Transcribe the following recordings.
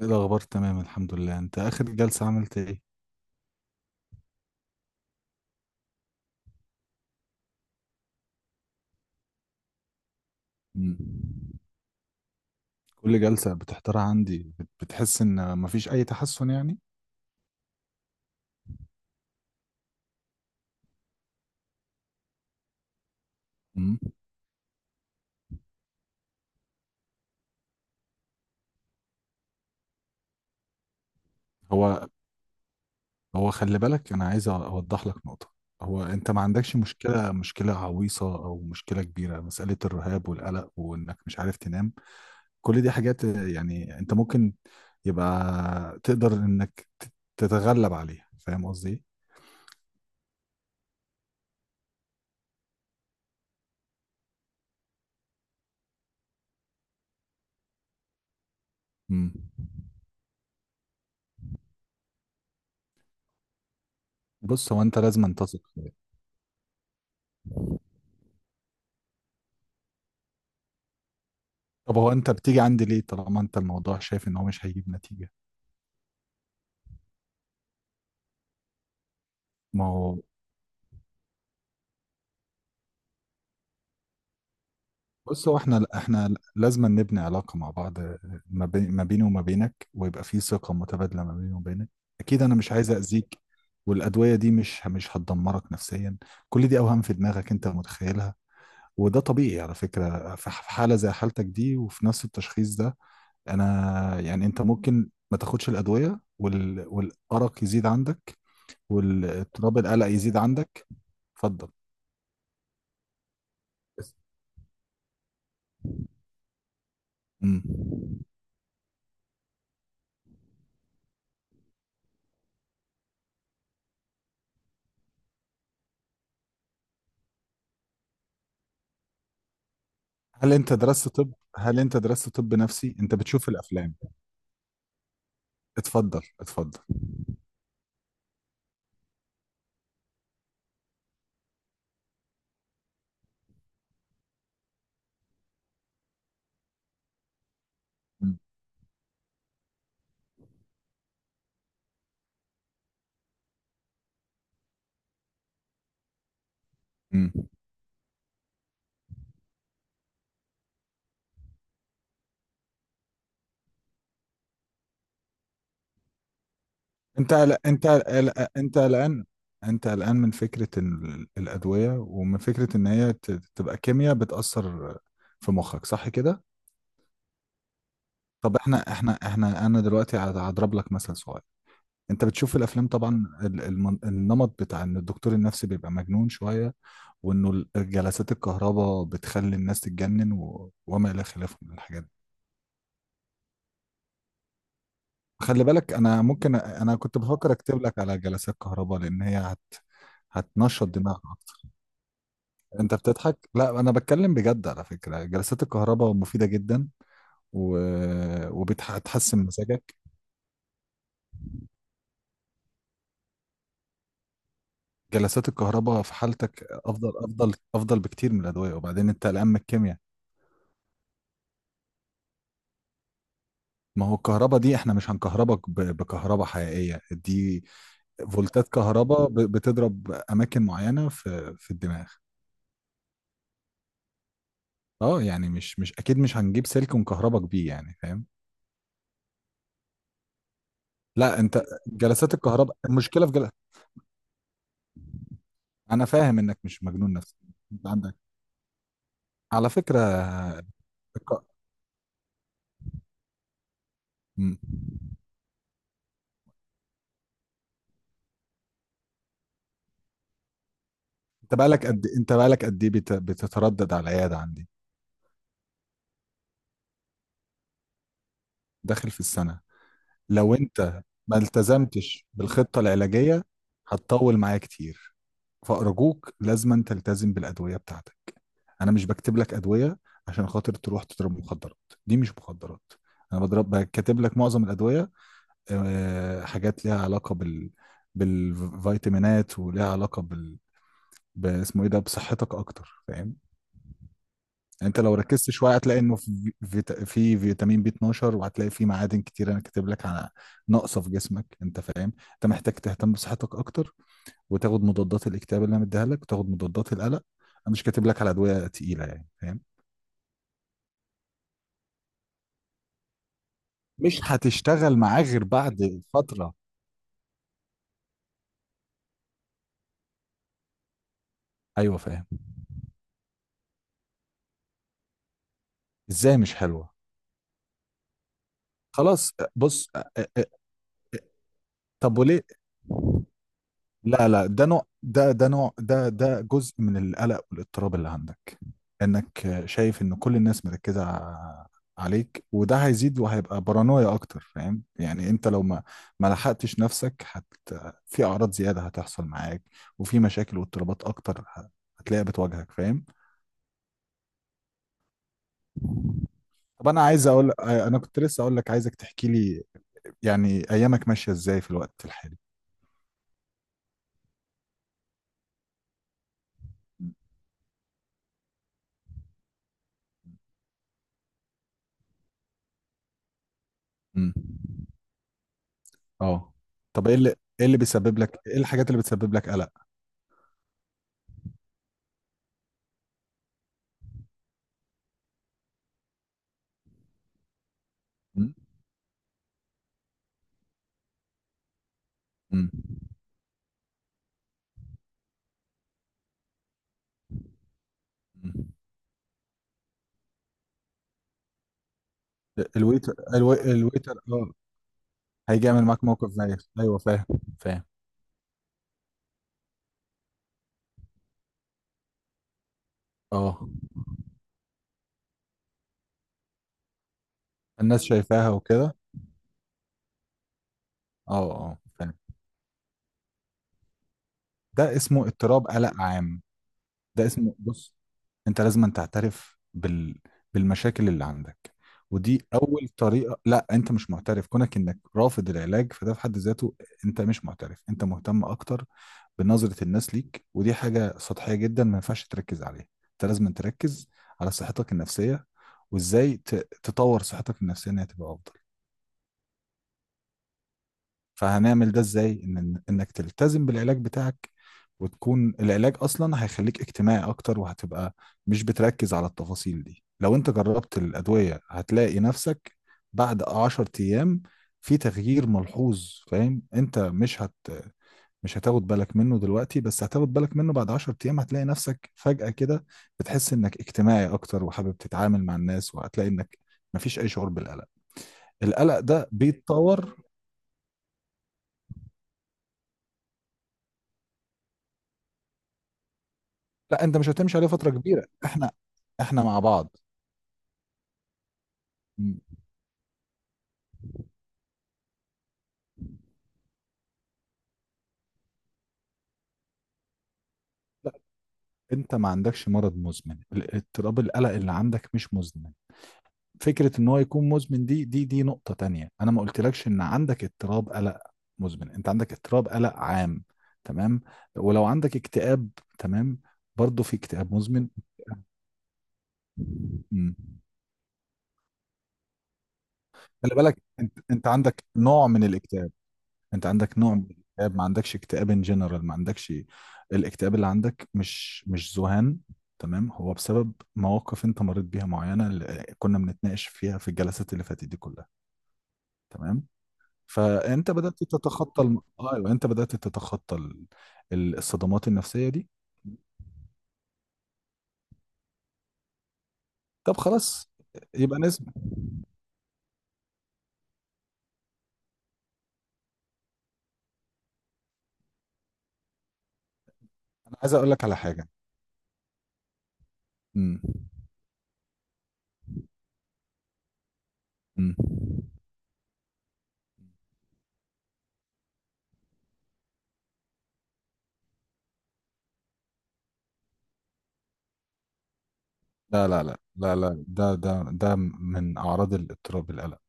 ايه الاخبار، تمام، الحمد لله. انت اخر جلسة عملت ايه؟ مم. كل جلسة بتحضرها عندي بتحس ان مفيش اي تحسن يعني. مم. هو هو خلي بالك، انا عايز اوضح لك نقطة. هو انت ما عندكش مشكلة عويصة او مشكلة كبيرة، مسألة الرهاب والقلق وانك مش عارف تنام، كل دي حاجات يعني انت ممكن، يبقى تقدر انك تتغلب عليها. فاهم قصدي إيه؟ مم. بص هو انت لازم تثق. طب هو انت بتيجي عندي ليه طالما انت الموضوع شايف ان هو مش هيجيب نتيجة؟ ما هو بص هو احنا لازم نبني علاقة مع بعض، ما بيني وما بينك، ويبقى في ثقة متبادلة ما بيني وبينك. اكيد انا مش عايز اذيك. والادوية دي مش هتدمرك نفسيا. كل دي اوهام في دماغك انت متخيلها، وده طبيعي على فكرة، في حالة زي حالتك دي وفي نفس التشخيص ده. انا يعني انت ممكن ما تاخدش الادوية، والارق يزيد عندك، والاضطراب القلق يزيد عندك. اتفضل. مم. هل انت درست طب نفسي؟ انت بتشوف الافلام؟ اتفضل، اتفضل. مم. مم. انت قلقان. انت قلقان من فكرة الأدوية، ومن فكرة ان هي تبقى كيمياء بتأثر في مخك، صح كده؟ طب احنا احنا احنا انا دلوقتي هضرب لك مثل صغير. انت بتشوف الافلام طبعا، النمط بتاع ان الدكتور النفسي بيبقى مجنون شوية، وانه جلسات الكهرباء بتخلي الناس تتجنن وما الى خلافه من الحاجات دي. خلي بالك، انا انا كنت بفكر اكتب لك على جلسات كهرباء لان هتنشط دماغك اكتر. انت بتضحك؟ لا انا بتكلم بجد، على فكرة جلسات الكهرباء مفيدة جدا، و... وبتحسن مزاجك. جلسات الكهرباء في حالتك افضل افضل افضل بكتير من الادوية، وبعدين انت قلقان من الكيمياء. ما هو الكهرباء دي احنا مش هنكهربك بكهرباء حقيقية، دي فولتات كهرباء بتضرب اماكن معينه في الدماغ. اه، يعني مش اكيد، مش هنجيب سلك كهرباء بيه يعني، فاهم. لا انت جلسات الكهرباء المشكله في جلسة. انا فاهم انك مش مجنون نفسي. انت عندك، على فكره، الك- م. انت بقالك قد ايه بتتردد على العياده عندي؟ داخل في السنه. لو انت ما التزمتش بالخطه العلاجيه هتطول معايا كتير، فأرجوك لازما تلتزم بالأدوية بتاعتك. انا مش بكتب لك ادويه عشان خاطر تروح تضرب مخدرات، دي مش مخدرات. انا بكتب لك معظم الادويه، حاجات ليها علاقه بالفيتامينات، وليها علاقه باسمه ايه ده، بصحتك اكتر، فاهم. انت لو ركزت شويه هتلاقي انه في فيتامين بي 12، وهتلاقي في معادن كتير انا كاتب لك على ناقصه في جسمك، انت فاهم، انت محتاج تهتم بصحتك اكتر، وتاخد مضادات الاكتئاب اللي انا مديها لك وتاخد مضادات القلق. انا مش كاتب لك على ادويه تقيله يعني، فاهم. مش هتشتغل معاه غير بعد فترة. ايوه، فاهم. ازاي مش حلوة؟ خلاص، بص طب وليه؟ لا، لا، ده نوع ده ده نوع ده ده جزء من القلق والاضطراب اللي عندك، انك شايف ان كل الناس مركزة عليك، وده هيزيد وهيبقى بارانويا اكتر، فاهم. يعني انت لو ما لحقتش نفسك في اعراض زيادة هتحصل معاك، وفي مشاكل واضطرابات اكتر هتلاقيها بتواجهك. فاهم. طب انا كنت لسه اقول لك عايزك تحكي لي، يعني ايامك ماشيه ازاي في الوقت الحالي؟ امم، اه. طب ايه الحاجات اللي بتسبب لك قلق؟ امم. امم. أمم. الويتر، اه. هيجي يعمل معاك موقف زيك، ايوه، فاهم. فاهم. اه، الناس شايفاها وكده. اه، اه، فاهم. ده اسمه اضطراب قلق عام. ده اسمه بص، انت لازم أن تعترف بالمشاكل اللي عندك. ودي اول طريقه، لا انت مش معترف، كونك انك رافض العلاج فده في حد ذاته. انت مش معترف، انت مهتم اكتر بنظره الناس ليك، ودي حاجه سطحيه جدا ما ينفعش تركز عليها، انت لازم أن تركز على صحتك النفسيه، وازاي ت... تطور صحتك النفسيه انها تبقى افضل. فهنعمل ده ازاي؟ ان انك تلتزم بالعلاج بتاعك، وتكون العلاج اصلا هيخليك اجتماعي اكتر، وهتبقى مش بتركز على التفاصيل دي. لو انت جربت الادوية هتلاقي نفسك بعد 10 ايام في تغيير ملحوظ، فاهم. انت مش هتاخد بالك منه دلوقتي، بس هتاخد بالك منه بعد 10 ايام، هتلاقي نفسك فجأة كده بتحس انك اجتماعي اكتر وحابب تتعامل مع الناس، وهتلاقي انك مفيش اي شعور بالقلق. القلق ده بيتطور. لا انت مش هتمشي عليه فتره كبيره، احنا مع بعض. م- انت ما عندكش مرض مزمن، اضطراب القلق اللي عندك مش مزمن. فكره ان هو يكون مزمن دي نقطه تانية، انا ما قلتلكش ان عندك اضطراب قلق مزمن، انت عندك اضطراب قلق عام. تمام. ولو عندك اكتئاب، تمام، برضه في اكتئاب مزمن. مم. خلي بالك، انت عندك نوع من الاكتئاب. انت عندك نوع من الاكتئاب، ما عندكش اكتئاب ان جنرال، ما عندكش، الاكتئاب اللي عندك مش ذهان. تمام. هو بسبب مواقف انت مريت بيها معينه، اللي كنا بنتناقش فيها في الجلسات اللي فاتت دي كلها. تمام. فانت بدات تتخطى ايوه انت بدات تتخطى الصدمات النفسيه دي. طب خلاص، يبقى نسمع. انا عايز اقول لك على حاجه. امم. امم. لا، لا، لا، لا، لا، ده من اعراض الاضطراب القلق.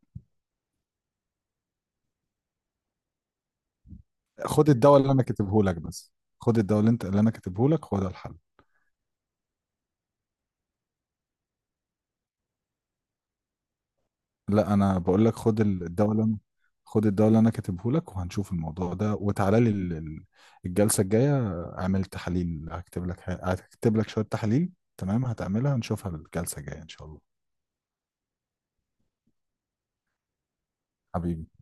خد الدواء اللي انا كاتبه لك بس. خد الدواء اللي انا كاتبه لك، هو ده الحل. لا، انا بقول لك خد الدواء اللي انا كاتبه لك، وهنشوف الموضوع ده، وتعالى لي الجلسه الجايه، اعمل تحاليل، هكتب لك شويه تحاليل، تمام، هتعملها نشوفها الجلسه الجايه ان شاء الله. حبيبي.